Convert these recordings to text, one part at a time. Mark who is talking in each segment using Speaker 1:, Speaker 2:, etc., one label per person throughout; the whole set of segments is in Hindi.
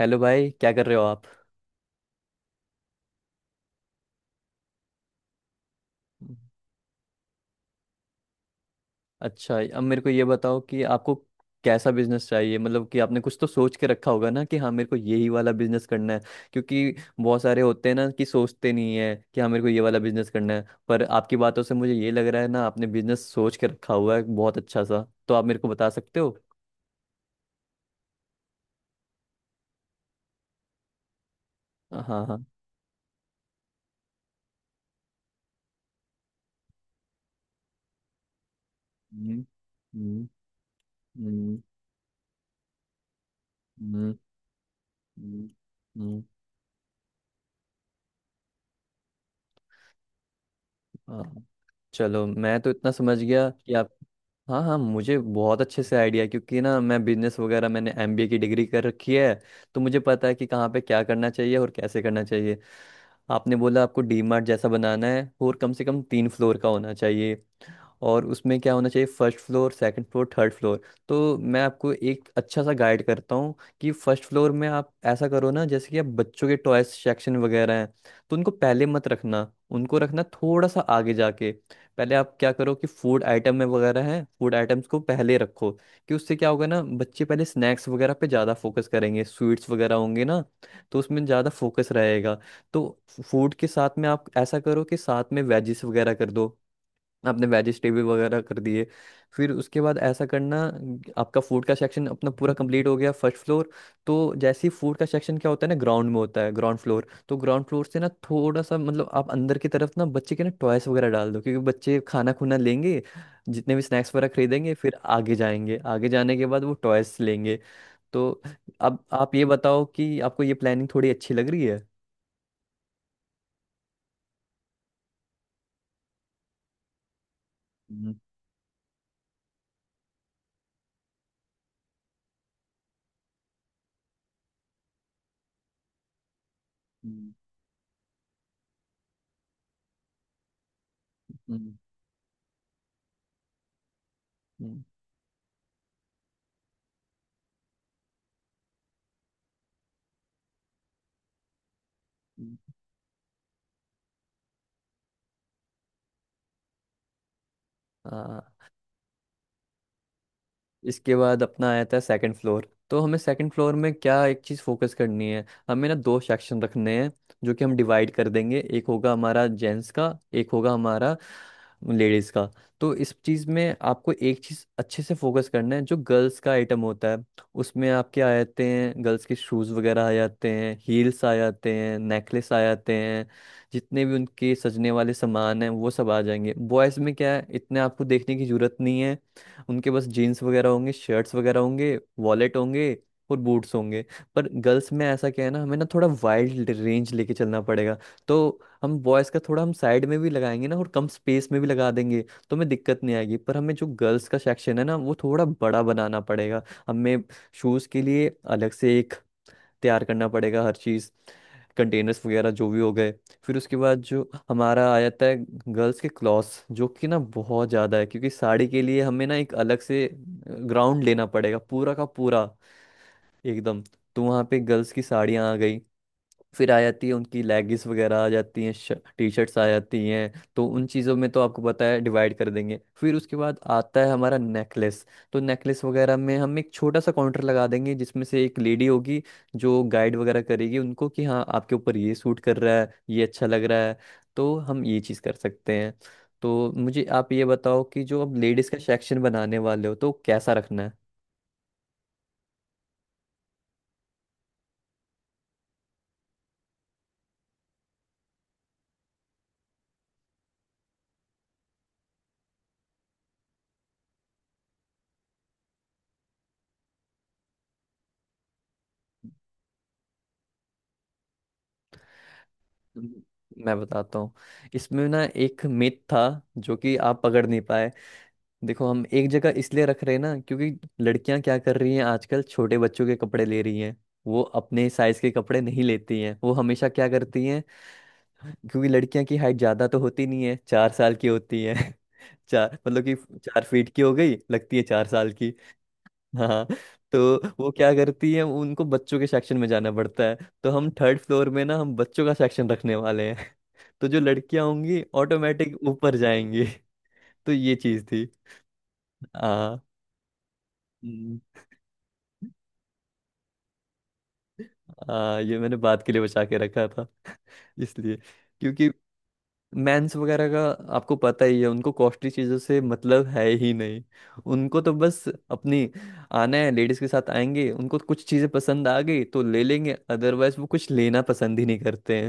Speaker 1: हेलो भाई, क्या कर रहे हो आप। अच्छा, अब मेरे को ये बताओ कि आपको कैसा बिजनेस चाहिए, मतलब कि आपने कुछ तो सोच के रखा होगा ना कि हाँ मेरे को यही वाला बिजनेस करना है। क्योंकि बहुत सारे होते हैं ना कि सोचते नहीं है कि हाँ मेरे को ये वाला बिजनेस करना है, पर आपकी बातों से मुझे ये लग रहा है ना आपने बिजनेस सोच के रखा हुआ है बहुत अच्छा सा, तो आप मेरे को बता सकते हो। हाँ हाँ। हम्म। हम्म। हम्म। हम्म। हम्म। हम्म। हाँ। चलो, मैं तो इतना समझ गया कि आप। हाँ हाँ, मुझे बहुत अच्छे से आइडिया है क्योंकि ना मैं बिजनेस वगैरह, मैंने एमबीए की डिग्री कर रखी है। तो मुझे पता है कि कहाँ पे क्या करना चाहिए और कैसे करना चाहिए। आपने बोला आपको डीमार्ट जैसा बनाना है और कम से कम तीन फ्लोर का होना चाहिए। और उसमें क्या होना चाहिए? First floor, second floor, third floor. तो मैं आपको एक अच्छा सा गाइड करता हूँ कि फर्स्ट फ्लोर में आप ऐसा करो ना, जैसे कि आप बच्चों के टॉयज सेक्शन वगैरह हैं तो उनको पहले मत रखना, उनको रखना थोड़ा सा आगे जाके। पहले आप क्या करो कि फूड आइटम में वगैरह हैं, फूड आइटम्स को पहले रखो। कि उससे क्या होगा ना, बच्चे पहले स्नैक्स वगैरह पे ज़्यादा फोकस करेंगे, स्वीट्स वगैरह होंगे ना तो उसमें ज़्यादा फोकस रहेगा। तो फूड के साथ में आप ऐसा करो कि साथ में वेजिस वगैरह कर दो, आपने वेजिटेबल वगैरह कर दिए। फिर उसके बाद ऐसा करना, आपका फूड का सेक्शन अपना पूरा कंप्लीट हो गया फर्स्ट फ्लोर। तो जैसे ही फूड का सेक्शन क्या होता है ना, ग्राउंड में होता है ग्राउंड फ्लोर, तो ग्राउंड फ्लोर से ना थोड़ा सा मतलब आप अंदर की तरफ ना बच्चे के ना टॉयस वगैरह डाल दो, क्योंकि बच्चे खाना खुना लेंगे, जितने भी स्नैक्स वगैरह खरीदेंगे फिर आगे जाएंगे, आगे जाने के बाद वो टॉयस लेंगे। तो अब आप ये बताओ कि आपको ये प्लानिंग थोड़ी अच्छी लग रही है? हम्म। हम्म। हम्म। हम्म। हम्म। हाँ। इसके बाद अपना आया था सेकंड फ्लोर, तो हमें सेकंड फ्लोर में क्या एक चीज़ फोकस करनी है, हमें ना दो सेक्शन रखने हैं। जो कि हम डिवाइड कर देंगे, एक होगा हमारा जेंट्स का, एक होगा हमारा लेडीज़ का। तो इस चीज़ में आपको एक चीज़ अच्छे से फोकस करना है, जो गर्ल्स का आइटम होता है उसमें आपके आ जाते हैं, गर्ल्स के शूज़ वगैरह आ जाते हैं, हील्स आ जाते हैं, नेकलेस आ जाते हैं। जितने भी उनके सजने वाले सामान हैं वो सब आ जाएंगे। बॉयज़ में क्या है, इतने आपको देखने की जरूरत नहीं है। उनके पास जीन्स वगैरह होंगे, शर्ट्स वगैरह होंगे, वॉलेट होंगे और बूट्स होंगे। पर गर्ल्स में ऐसा क्या है ना, हमें ना थोड़ा वाइल्ड रेंज लेके चलना पड़ेगा। तो हम बॉयज़ का थोड़ा हम साइड में भी लगाएंगे ना और कम स्पेस में भी लगा देंगे, तो हमें दिक्कत नहीं आएगी, पर हमें जो गर्ल्स का सेक्शन है ना वो थोड़ा बड़ा बनाना पड़ेगा। हमें शूज़ के लिए अलग से एक तैयार करना पड़ेगा, हर चीज़, कंटेनर्स वगैरह जो भी हो गए। फिर उसके बाद जो हमारा आ जाता है गर्ल्स के क्लॉथ्स, जो कि ना बहुत ज़्यादा है, क्योंकि साड़ी के लिए हमें ना एक अलग से ग्राउंड लेना पड़ेगा पूरा का पूरा, एकदम। तो वहाँ पे गर्ल्स की साड़ियाँ आ गई, फिर आ जाती है उनकी लेगिंग्स वगैरह आ जाती हैं, टी शर्ट्स आ जाती हैं, तो उन चीज़ों में तो आपको पता है डिवाइड कर देंगे। फिर उसके बाद आता है हमारा नेकलेस, तो नेकलेस वगैरह में हम एक छोटा सा काउंटर लगा देंगे जिसमें से एक लेडी होगी, जो गाइड वगैरह करेगी उनको कि हाँ आपके ऊपर ये सूट कर रहा है, ये अच्छा लग रहा है। तो हम ये चीज़ कर सकते हैं। तो मुझे आप ये बताओ कि जो अब लेडीज़ का सेक्शन बनाने वाले हो तो कैसा रखना है? हम्म। मैं बताता हूँ। इसमें ना एक मिथ था जो कि आप पकड़ नहीं पाए। देखो, हम एक जगह इसलिए रख रहे हैं ना, क्योंकि लड़कियां क्या कर रही हैं, आजकल छोटे बच्चों के कपड़े ले रही हैं, वो अपने साइज के कपड़े नहीं लेती हैं। वो हमेशा क्या करती हैं, क्योंकि लड़कियां की हाइट ज्यादा तो होती नहीं है, 4 साल की होती है चार, मतलब कि 4 फीट की हो गई लगती है, 4 साल की। हाँ। तो वो क्या करती है, उनको बच्चों के सेक्शन में जाना पड़ता है, तो हम थर्ड फ्लोर में ना हम बच्चों का सेक्शन रखने वाले हैं तो जो लड़कियां होंगी ऑटोमेटिक ऊपर जाएंगी तो ये चीज थी। हाँ। ये मैंने बात के लिए बचा के रखा था, इसलिए। क्योंकि मेंस वगैरह का आपको पता ही है, उनको कॉस्टली चीज़ों से मतलब है ही नहीं। उनको तो बस अपनी आना है, लेडीज के साथ आएंगे, उनको कुछ चीज़ें पसंद आ गई तो ले लेंगे, अदरवाइज वो कुछ लेना पसंद ही नहीं करते।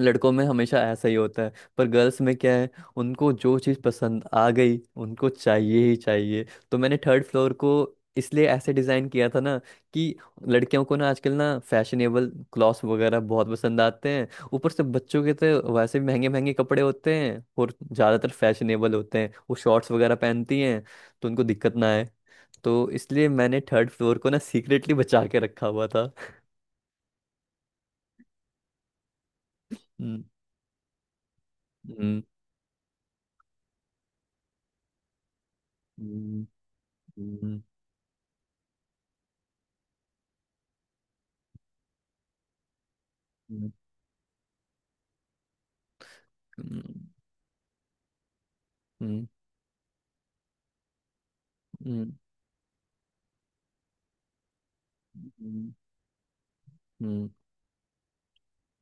Speaker 1: लड़कों में हमेशा ऐसा ही होता है। पर गर्ल्स में क्या है, उनको जो चीज़ पसंद आ गई उनको चाहिए ही चाहिए। तो मैंने थर्ड फ्लोर को इसलिए ऐसे डिज़ाइन किया था ना, कि लड़कियों को ना आजकल ना फैशनेबल क्लॉथ्स वगैरह बहुत पसंद आते हैं। ऊपर से बच्चों के तो वैसे भी महंगे महंगे कपड़े होते हैं और ज़्यादातर फैशनेबल होते हैं, वो शॉर्ट्स वगैरह पहनती हैं तो उनको दिक्कत ना आए। तो इसलिए मैंने थर्ड फ्लोर को ना सीक्रेटली बचा के रखा हुआ था। हम्म। हम्म। हम्म। हम्म। हम्म। हम्म। हम्म। हम्म। हम्म। हम्म।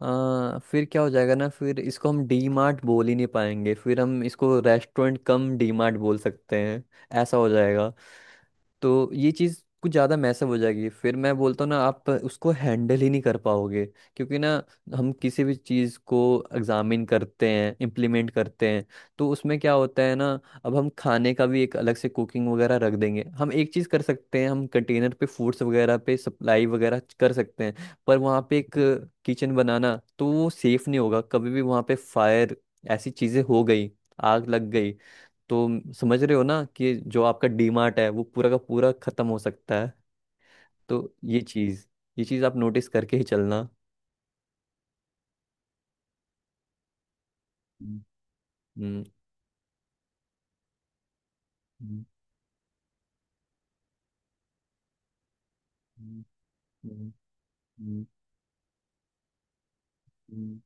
Speaker 1: फिर क्या हो जाएगा ना, फिर इसको हम डी मार्ट बोल ही नहीं पाएंगे, फिर हम इसको रेस्टोरेंट कम डी मार्ट बोल सकते हैं, ऐसा हो जाएगा। तो ये चीज़ कुछ ज़्यादा मैसअप हो जाएगी, फिर मैं बोलता हूँ ना आप उसको हैंडल ही नहीं कर पाओगे। क्योंकि ना हम किसी भी चीज़ को एग्जामिन करते हैं, इम्प्लीमेंट करते हैं, तो उसमें क्या होता है ना। अब हम खाने का भी एक अलग से कुकिंग वगैरह रख देंगे, हम एक चीज़ कर सकते हैं, हम कंटेनर पे फूड्स वगैरह पे सप्लाई वगैरह कर सकते हैं। पर वहाँ पे एक किचन बनाना, तो वो सेफ नहीं होगा, कभी भी वहाँ पे फायर ऐसी चीज़ें हो गई, आग लग गई, तो समझ रहे हो ना कि जो आपका डीमार्ट है वो पूरा का पूरा खत्म हो सकता है। तो ये चीज आप नोटिस करके ही चलना। हम्म। हम्म। हम्म। हम्म। हम्म। हम्म।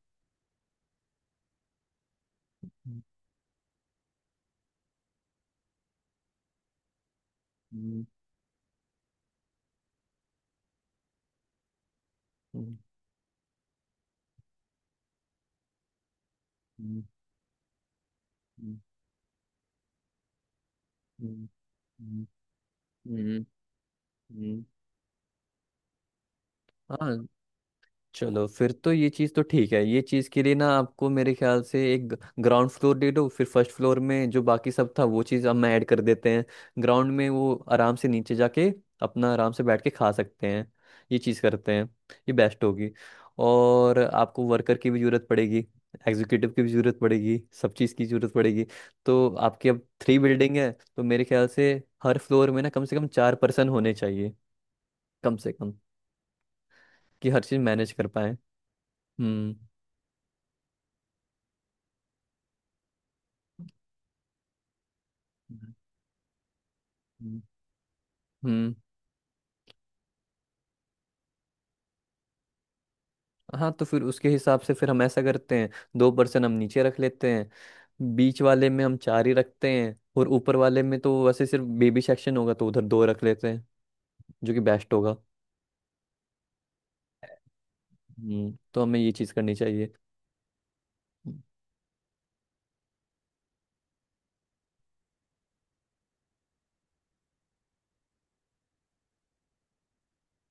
Speaker 1: हम्म। हम्म। हम्म। हम्म। हम्म। हम्म। हम्म। हम्म। हाँ, चलो फिर तो ये चीज़ तो ठीक है, ये चीज़ के लिए ना आपको मेरे ख्याल से एक ग्राउंड फ्लोर दे दो, फिर फर्स्ट फ्लोर में जो बाकी सब था वो चीज़ हम ऐड कर देते हैं। ग्राउंड में वो आराम से नीचे जाके अपना आराम से बैठ के खा सकते हैं। ये चीज़ करते हैं, ये बेस्ट होगी। और आपको वर्कर की भी ज़रूरत पड़ेगी, एग्जीक्यूटिव की भी ज़रूरत पड़ेगी, सब चीज़ की ज़रूरत पड़ेगी। तो आपकी अब थ्री बिल्डिंग है। तो मेरे ख्याल से हर फ्लोर में ना कम से कम 4 पर्सन होने चाहिए, कम से कम, कि हर चीज़ मैनेज कर पाए। हम्म। हम्म। हम्म। हाँ, तो फिर उसके हिसाब से फिर हम ऐसा करते हैं, 2% हम नीचे रख लेते हैं, बीच वाले में हम चार ही रखते हैं और ऊपर वाले में तो वैसे सिर्फ बेबी सेक्शन होगा तो उधर दो रख लेते हैं, जो कि बेस्ट होगा। हम्म, तो हमें ये चीज़ करनी चाहिए।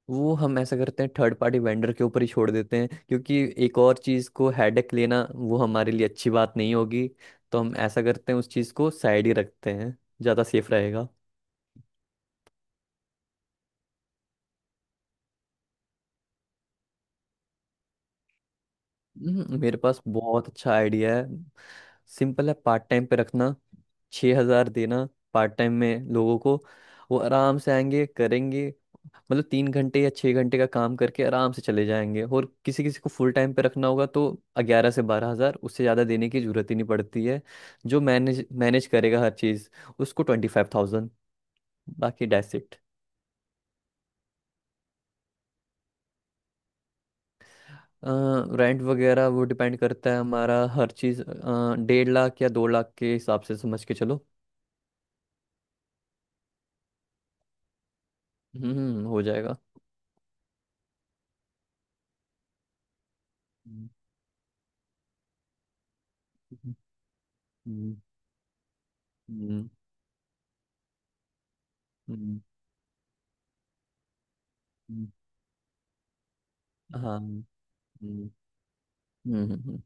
Speaker 1: वो हम ऐसा करते हैं, थर्ड पार्टी वेंडर के ऊपर ही छोड़ देते हैं, क्योंकि एक और चीज़ को हेडेक लेना वो हमारे लिए अच्छी बात नहीं होगी। तो हम ऐसा करते हैं उस चीज़ को साइड ही रखते हैं, ज़्यादा सेफ रहेगा। मेरे पास बहुत अच्छा आइडिया है। सिंपल है, पार्ट टाइम पे रखना, 6,000 देना पार्ट टाइम में लोगों को। वो आराम से आएंगे करेंगे, मतलब 3 घंटे या 6 घंटे का काम करके आराम से चले जाएंगे, और किसी किसी को फुल टाइम पे रखना होगा तो 11,000 से 12,000, उससे ज़्यादा देने की जरूरत ही नहीं पड़ती है। जो मैनेज मैनेज करेगा हर चीज़, उसको 25,000, बाकी डेट्स इट। रेंट वगैरह वो डिपेंड करता है हमारा हर चीज़, 1.5 लाख या 2 लाख के हिसाब से समझ के चलो। हम्म, हो जाएगा। हम्म। हम्म। हम्म। हम्म। हम्म। हम्म। हाँ। हम्म। हम्म। हम्म।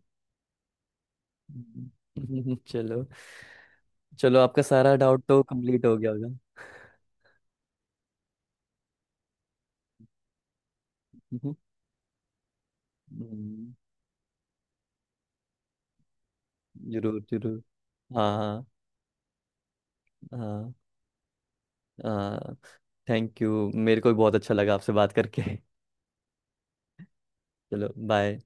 Speaker 1: हम्म। चलो। चलो, आपका सारा डाउट तो कंप्लीट हो गया होगा। हम्म। हम्म, जरूर जरूर। हाँ। हाँ। हाँ। थैंक यू, मेरे को भी बहुत अच्छा लगा आपसे बात करके चलो बाय।